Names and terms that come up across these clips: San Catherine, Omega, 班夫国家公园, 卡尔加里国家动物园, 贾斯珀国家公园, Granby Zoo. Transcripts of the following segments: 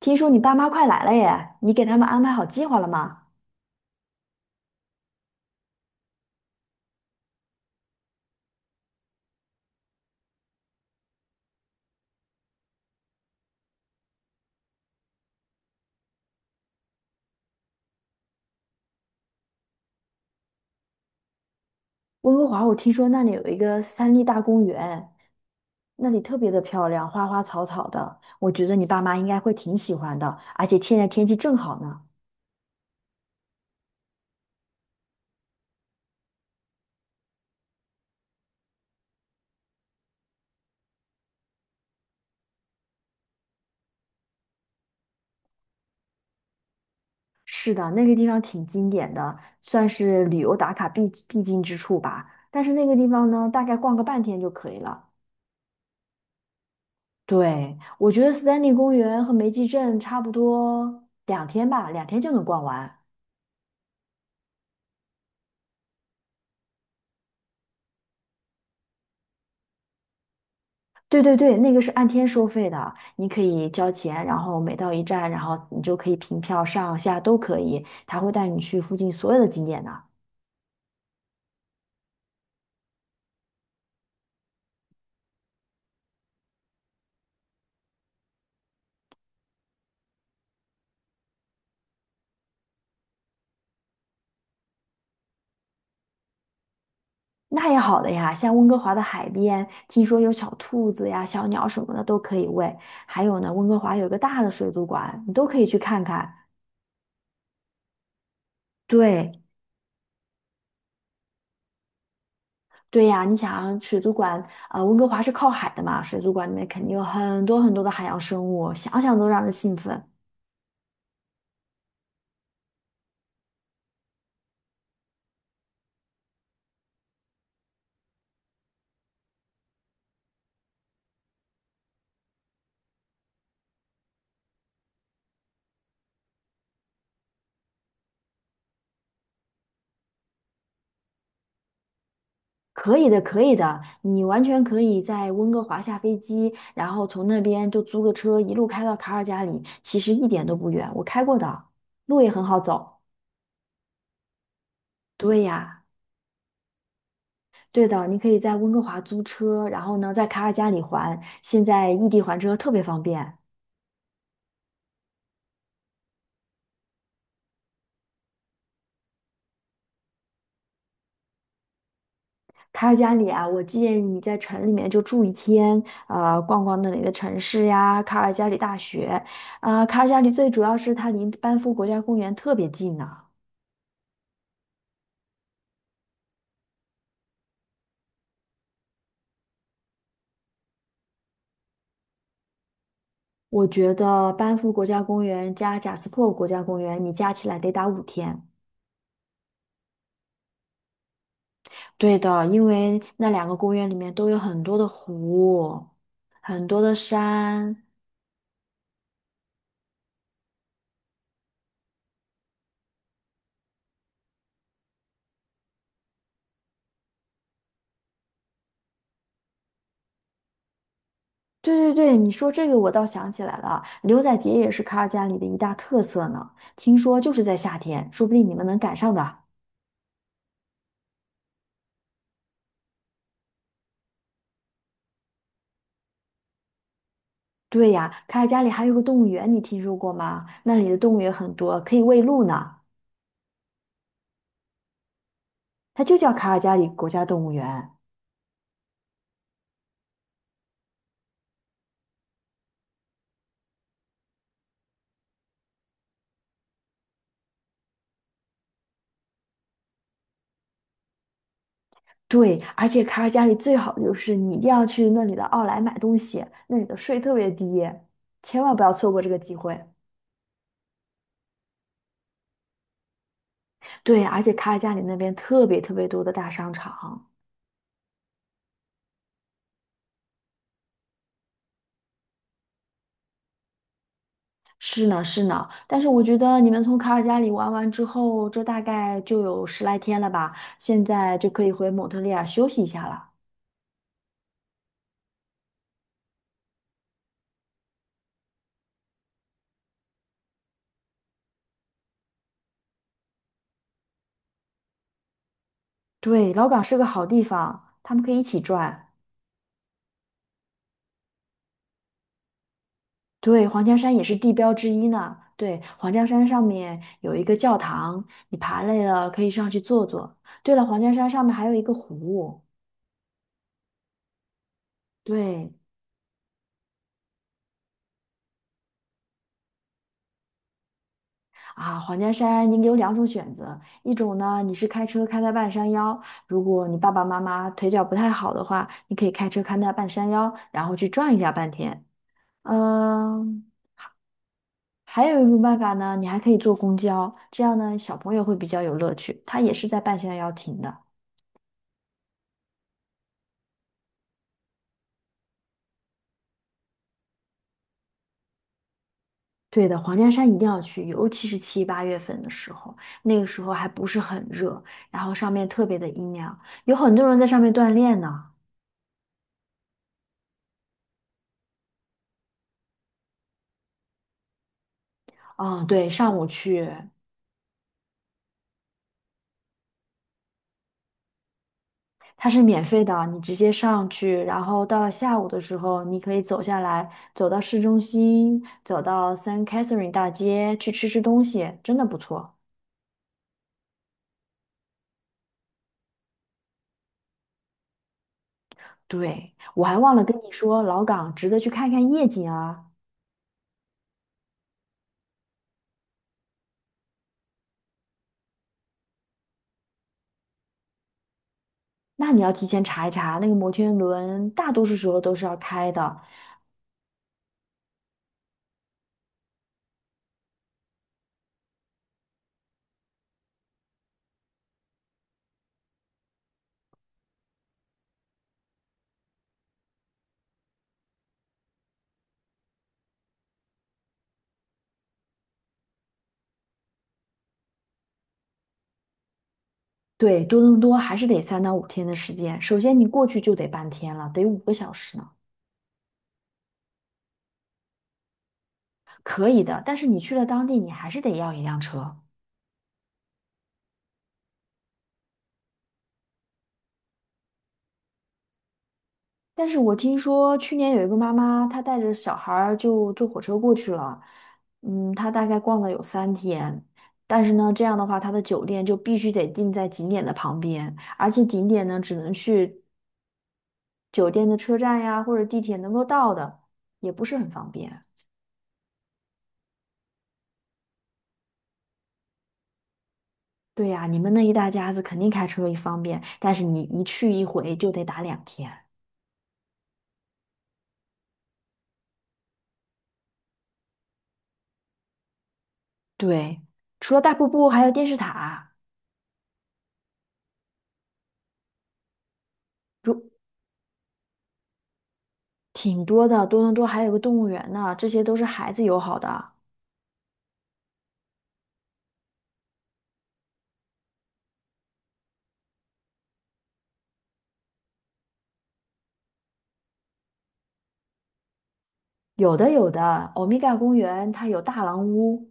听说你爸妈快来了耶，你给他们安排好计划了吗？温哥华，我听说那里有一个三立大公园，那里特别的漂亮，花花草草的，我觉得你爸妈应该会挺喜欢的，而且现在天气正好呢。是的，那个地方挺经典的，算是旅游打卡必经之处吧。但是那个地方呢，大概逛个半天就可以了。对，我觉得三丹利公园和梅基镇差不多两天吧，两天就能逛完。对对对，那个是按天收费的，你可以交钱，然后每到一站，然后你就可以凭票上下都可以，他会带你去附近所有的景点的。那也好的呀，像温哥华的海边，听说有小兔子呀、小鸟什么的都可以喂，还有呢，温哥华有个大的水族馆，你都可以去看看。对对呀，你想水族馆，温哥华是靠海的嘛，水族馆里面肯定有很多很多的海洋生物，想想都让人兴奋。可以的，可以的，你完全可以在温哥华下飞机，然后从那边就租个车一路开到卡尔加里，其实一点都不远，我开过的，路也很好走。对呀，对的，你可以在温哥华租车，然后呢，在卡尔加里还，现在异地还车特别方便。卡尔加里啊，我建议你在城里面就住一天，逛逛那里的城市呀，卡尔加里大学，卡尔加里最主要是它离班夫国家公园特别近呢、我觉得班夫国家公园加贾斯珀国家公园，你加起来得打五天。对的，因为那两个公园里面都有很多的湖，很多的山。对对对，你说这个我倒想起来了，牛仔节也是卡尔加里的一大特色呢。听说就是在夏天，说不定你们能赶上的。对呀，卡尔加里还有个动物园，你听说过吗？那里的动物也很多，可以喂鹿呢。它就叫卡尔加里国家动物园。对，而且卡尔加里最好的就是你一定要去那里的奥莱买东西，那里的税特别低，千万不要错过这个机会。对，而且卡尔加里那边特别特别多的大商场。是呢，是呢，但是我觉得你们从卡尔加里玩完之后，这大概就有10来天了吧，现在就可以回蒙特利尔休息一下了。对，老港是个好地方，他们可以一起转。对，黄家山也是地标之一呢。对，黄家山上面有一个教堂，你爬累了可以上去坐坐。对了，黄家山上面还有一个湖。对啊，黄家山你有两种选择，一种呢你是开车开到半山腰，如果你爸爸妈妈腿脚不太好的话，你可以开车开到半山腰，然后去转一下半天。嗯，还有一种办法呢，你还可以坐公交，这样呢小朋友会比较有乐趣，他也是在半山腰停的。对的，黄家山一定要去，尤其是七八月份的时候，那个时候还不是很热，然后上面特别的阴凉，有很多人在上面锻炼呢。嗯，对，上午去，它是免费的，你直接上去，然后到了下午的时候，你可以走下来，走到市中心，走到 San Catherine 大街去吃吃东西，真的不错。对，我还忘了跟你说，老港值得去看看夜景啊。那你要提前查一查，那个摩天轮大多数时候都是要开的。对，多伦多还是得3到5天的时间。首先，你过去就得半天了，得5个小时呢，可以的。但是你去了当地，你还是得要一辆车。但是我听说去年有一个妈妈，她带着小孩儿就坐火车过去了，她大概逛了有3天。但是呢，这样的话，她的酒店就必须得定在景点的旁边，而且景点呢，只能去酒店的车站呀或者地铁能够到的，也不是很方便。对呀，你们那一大家子肯定开车也方便，但是你一去一回就得打两天。对，除了大瀑布，还有电视塔，如挺多的。多伦多还有个动物园呢，这些都是孩子友好的。有的有的，欧米伽公园它有大狼屋，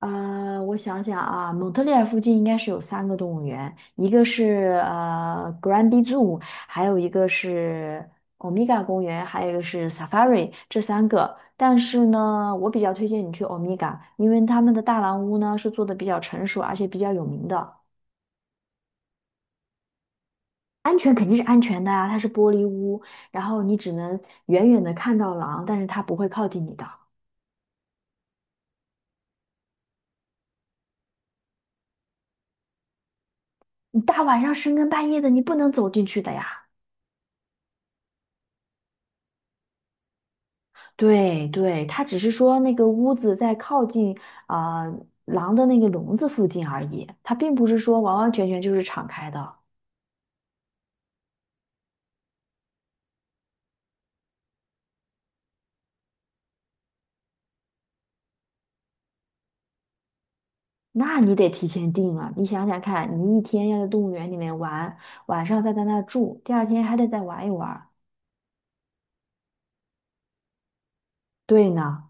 我想想啊，蒙特利尔附近应该是有三个动物园，一个是Granby Zoo，还有一个是 Omega 公园，还有一个是 Safari，这三个。但是呢，我比较推荐你去 Omega，因为他们的大狼屋呢是做的比较成熟，而且比较有名的。安全肯定是安全的啊，它是玻璃屋，然后你只能远远的看到狼，但是它不会靠近你的。你大晚上深更半夜的，你不能走进去的呀。对对，他只是说那个屋子在靠近狼的那个笼子附近而已，它并不是说完完全全就是敞开的。那你得提前定啊！你想想看，你一天要在动物园里面玩，晚上再在那儿住，第二天还得再玩一玩。对呢，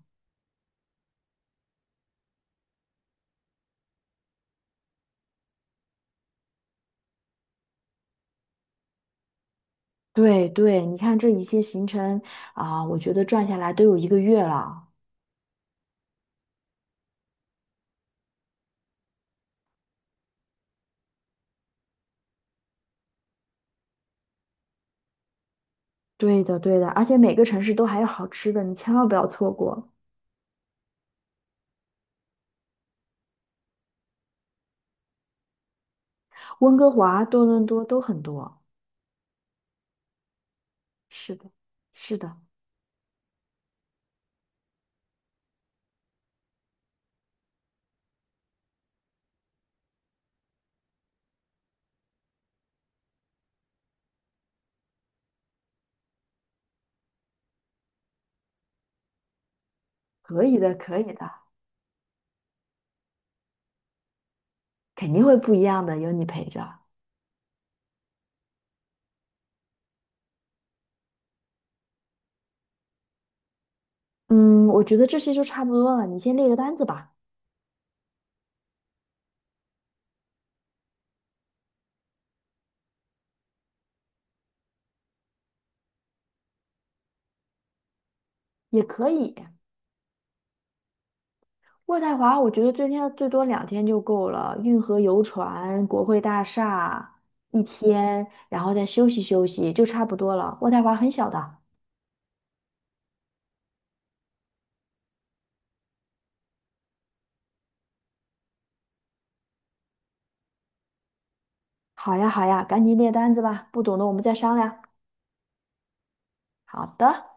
对对，你看这一些行程我觉得转下来都有一个月了。对的对的，而且每个城市都还有好吃的，你千万不要错过。温哥华、多伦多都很多。是的，是的。可以的，可以的，肯定会不一样的，有你陪着。嗯，我觉得这些就差不多了，你先列个单子吧，也可以。渥太华，我觉得最多两天就够了，运河游船、国会大厦一天，然后再休息休息，就差不多了。渥太华很小的。好呀，好呀，赶紧列单子吧，不懂的我们再商量。好的。